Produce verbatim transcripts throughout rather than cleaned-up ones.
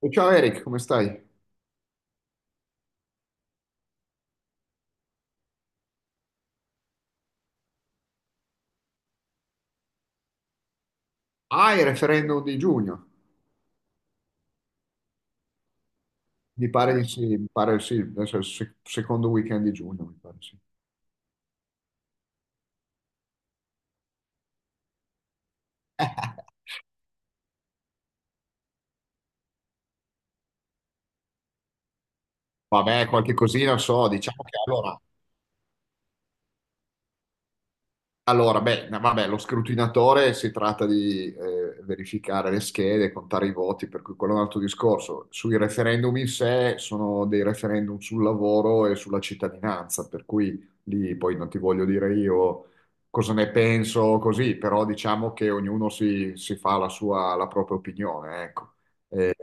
E ciao Eric, come stai? Ah, il referendum di giugno, mi pare di sì, mi pare sì, adesso è il se- secondo weekend di giugno, mi pare sì. Vabbè, qualche cosina so, diciamo che allora, allora, beh, no, vabbè, lo scrutinatore si tratta di eh, verificare le schede, contare i voti, per cui quello è un altro discorso. Sui referendum in sé sono dei referendum sul lavoro e sulla cittadinanza, per cui lì poi non ti voglio dire io cosa ne penso così, però diciamo che ognuno si, si fa la sua, la propria opinione, ecco. Eh,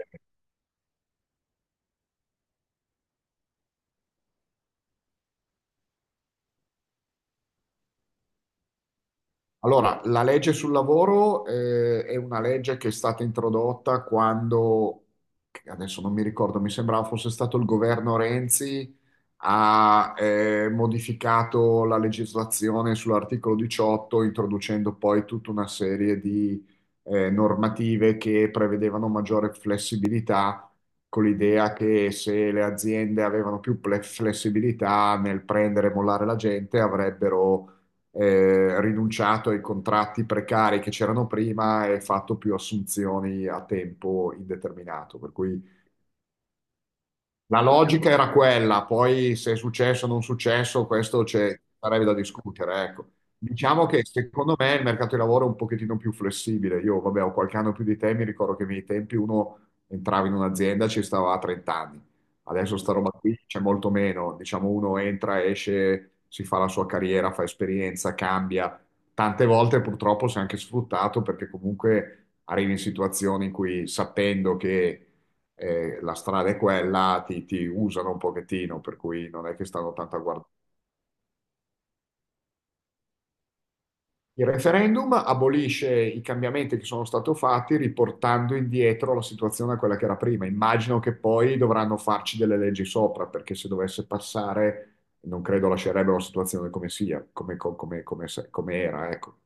allora, la legge sul lavoro eh, è una legge che è stata introdotta quando, che adesso non mi ricordo, mi sembrava fosse stato il governo Renzi ha eh, modificato la legislazione sull'articolo diciotto, introducendo poi tutta una serie di eh, normative che prevedevano maggiore flessibilità, con l'idea che se le aziende avevano più ple- flessibilità nel prendere e mollare la gente, avrebbero eh, rinunciato ai contratti precari che c'erano prima e fatto più assunzioni a tempo indeterminato. Per cui la logica era quella, poi se è successo o non successo, questo c'è, sarebbe da discutere, ecco. Diciamo che secondo me il mercato di lavoro è un pochettino più flessibile. Io, vabbè, ho qualche anno più di te, mi ricordo che nei miei tempi uno entrava in un'azienda e ci stava a trent'anni anni. Adesso sta roba qui c'è molto meno. Diciamo, uno entra, esce, si fa la sua carriera, fa esperienza, cambia. Tante volte purtroppo si è anche sfruttato perché comunque arrivi in situazioni in cui sapendo che eh, la strada è quella, ti, ti usano un pochettino, per cui non è che stanno tanto a guardare. Il referendum abolisce i cambiamenti che sono stati fatti riportando indietro la situazione a quella che era prima. Immagino che poi dovranno farci delle leggi sopra, perché se dovesse passare non credo lascerebbero la situazione come sia, come, come, come, come era, ecco.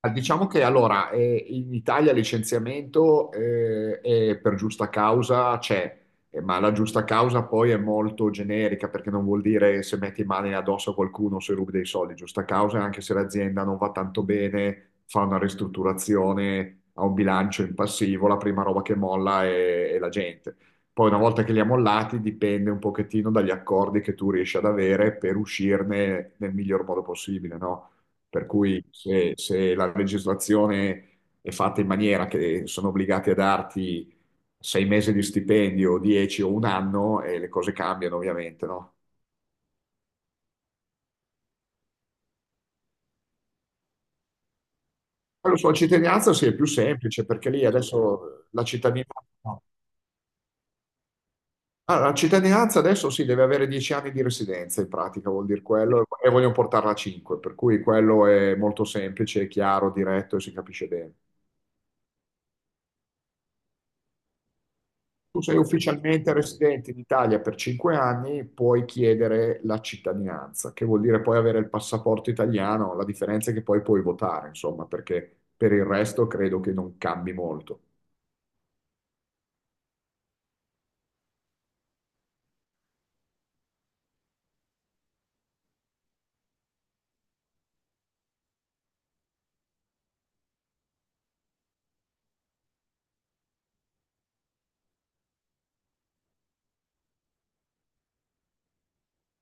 Ah, diciamo che allora eh, in Italia il licenziamento eh, è per giusta causa c'è, eh, ma la giusta causa poi è molto generica perché non vuol dire se metti mani addosso a qualcuno se rubi dei soldi. Giusta causa è anche se l'azienda non va tanto bene, fa una ristrutturazione, ha un bilancio in passivo, la prima roba che molla è, è la gente. Poi una volta che li ha mollati dipende un pochettino dagli accordi che tu riesci ad avere per uscirne nel miglior modo possibile, no? Per cui se, se la legislazione è fatta in maniera che sono obbligati a darti sei mesi di stipendio, dieci o un anno, e le cose cambiano ovviamente, no? Poi lo so, la cittadinanza sì, è più semplice perché lì adesso la cittadinanza, no. Ah, la cittadinanza adesso si deve avere dieci anni di residenza in pratica, vuol dire quello, e vogliono portarla a cinque, per cui quello è molto semplice, è chiaro, diretto e si capisce bene. Tu sei ufficialmente residente in Italia per cinque anni, puoi chiedere la cittadinanza, che vuol dire poi avere il passaporto italiano, la differenza è che poi puoi votare, insomma, perché per il resto credo che non cambi molto.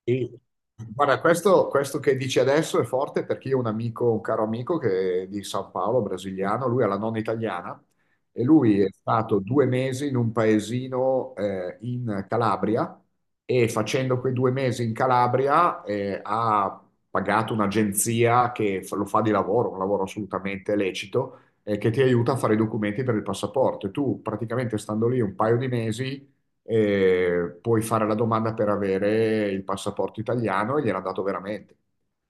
Sì. Guarda, questo, questo che dici adesso è forte perché io ho un amico, un caro amico che è di San Paolo, brasiliano, lui ha la nonna italiana e lui è stato due mesi in un paesino eh, in Calabria e facendo quei due mesi in Calabria eh, ha pagato un'agenzia che fa- lo fa di lavoro, un lavoro assolutamente lecito, eh, che ti aiuta a fare i documenti per il passaporto. E tu praticamente stando lì un paio di mesi eh, puoi fare la domanda per avere il passaporto italiano e gliel'ha dato veramente.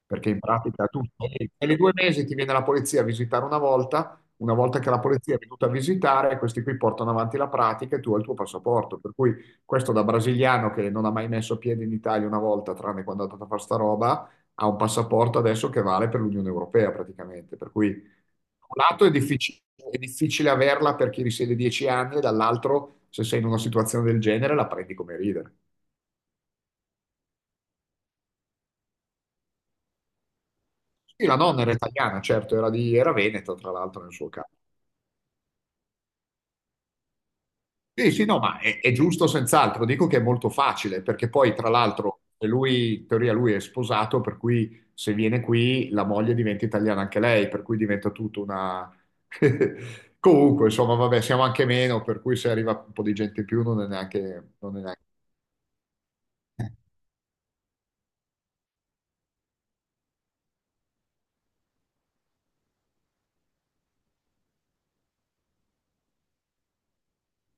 Perché in pratica tu sei- ogni due mesi ti viene la polizia a visitare una volta, una volta che la polizia è venuta a visitare, questi qui portano avanti la pratica e tu hai il tuo passaporto. Per cui questo da brasiliano che non ha mai messo piede in Italia una volta, tranne quando è andato a fare sta roba, ha un passaporto adesso che vale per l'Unione Europea praticamente. Per cui un lato è difficile, è difficile averla per chi risiede dieci anni, e dall'altro, se sei in una situazione del genere, la prendi come ridere. Sì, la nonna era italiana, certo, era di, era veneta, tra l'altro, nel suo caso. Sì, sì, no, ma è, è giusto senz'altro. Dico che è molto facile, perché poi, tra l'altro, lui, in teoria, lui è sposato, per cui se viene qui, la moglie diventa italiana anche lei, per cui diventa tutta una... Comunque, insomma, vabbè, siamo anche meno, per cui se arriva un po' di gente in più non è neanche... Non è neanche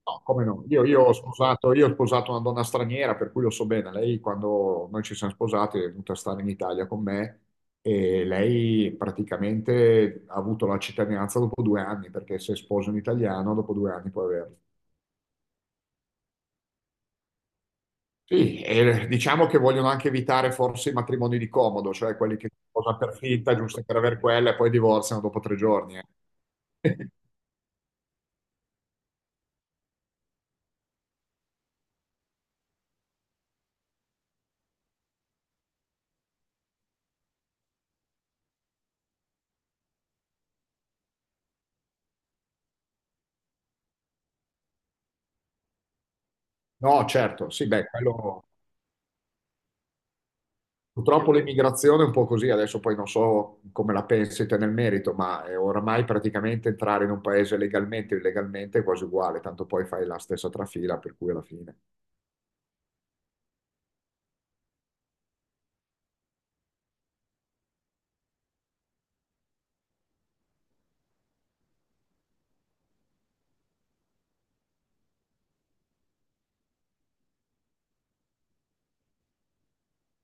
no, come no? Io, io ho sposato, io ho sposato una donna straniera, per cui lo so bene. Lei, quando noi ci siamo sposati, è venuta a stare in Italia con me e lei praticamente ha avuto la cittadinanza dopo due anni, perché se sposi un italiano, dopo due anni puoi averla. Sì, e diciamo che vogliono anche evitare forse i matrimoni di comodo, cioè quelli che si sposano per finta, giusto per avere quella, e poi divorziano dopo tre giorni. eh. No, certo, sì, beh, quello purtroppo l'immigrazione è un po' così, adesso poi non so come la pensi te nel merito, ma è oramai praticamente entrare in un paese legalmente o illegalmente è quasi uguale, tanto poi fai la stessa trafila, per cui alla fine.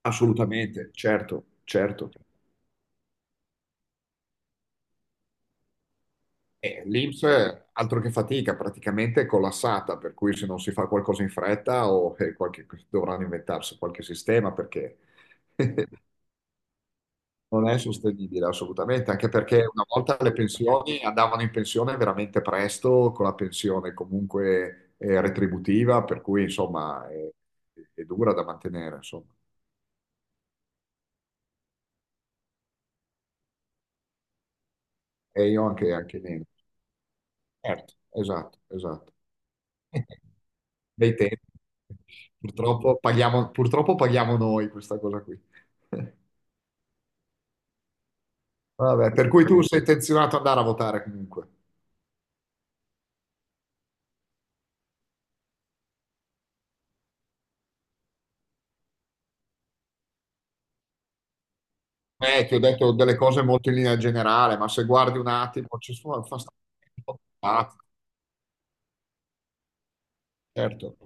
Assolutamente, certo, certo. E l'INPS, eh, altro che fatica, praticamente è collassata, per cui se non si fa qualcosa in fretta o eh, qualche- dovranno inventarsi qualche sistema perché non è sostenibile assolutamente, anche perché una volta le pensioni andavano in pensione veramente presto, con la pensione comunque eh, retributiva, per cui insomma è, è dura da mantenere, insomma. E io anche, anche meno. Certo, esatto, esatto. Dei tempi. Purtroppo paghiamo, purtroppo paghiamo noi questa cosa qui. Vabbè, per cui tu sei intenzionato ad andare a votare comunque. Eh, ti ho detto delle cose molto in linea generale, ma se guardi un attimo, ci sono fa sta- Ah, certo,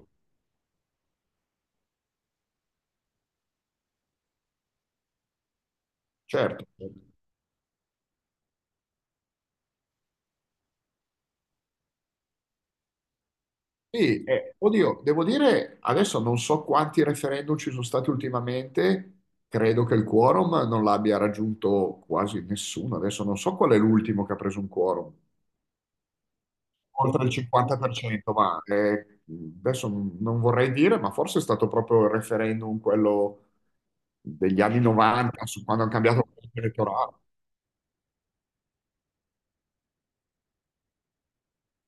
certo. Sì, eh, oddio, devo dire, adesso non so quanti referendum ci sono stati ultimamente, credo che il quorum non l'abbia raggiunto quasi nessuno, adesso non so qual è l'ultimo che ha preso un quorum, oltre il cinquanta per cento, ma eh, adesso non vorrei dire, ma forse è stato proprio il referendum quello degli anni novanta, su quando hanno cambiato la legge elettorale.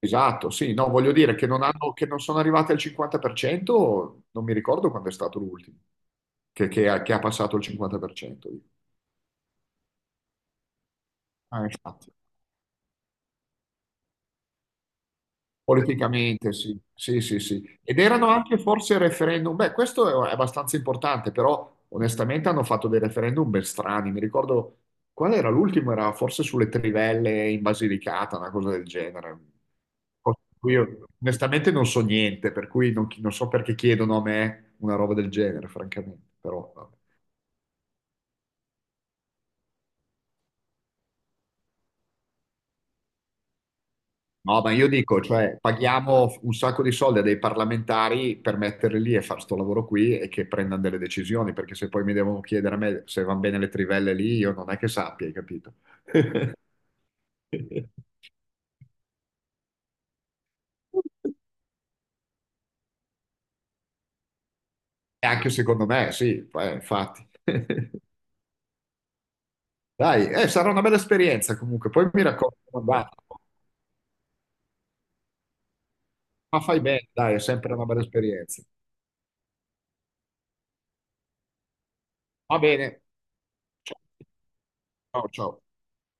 Esatto, sì, no, voglio dire che non hanno, che non sono arrivati al cinquanta per cento, non mi ricordo quando è stato l'ultimo, che, che ha che ha passato il cinquanta per cento. Ah, infatti. Politicamente, sì, sì, sì, sì. Ed erano anche forse referendum, beh, questo è abbastanza importante, però onestamente hanno fatto dei referendum ben strani. Mi ricordo, qual era l'ultimo? Era forse sulle trivelle in Basilicata, una cosa del genere. Cosa di cui io onestamente non so niente, per cui non, chi- non so perché chiedono a me una roba del genere, francamente, però... no. No, ma io dico, cioè, paghiamo un sacco di soldi a dei parlamentari per metterli lì e fare sto lavoro qui e che prendano delle decisioni, perché se poi mi devono chiedere a me se vanno bene le trivelle lì, io non è che sappia, hai capito? E anche secondo me, sì, eh, infatti. Dai, eh, sarà una bella esperienza comunque, poi mi racconti come è andata. Ma fai bene, dai, è sempre una bella esperienza. Va bene. Ciao, ciao. Ciao.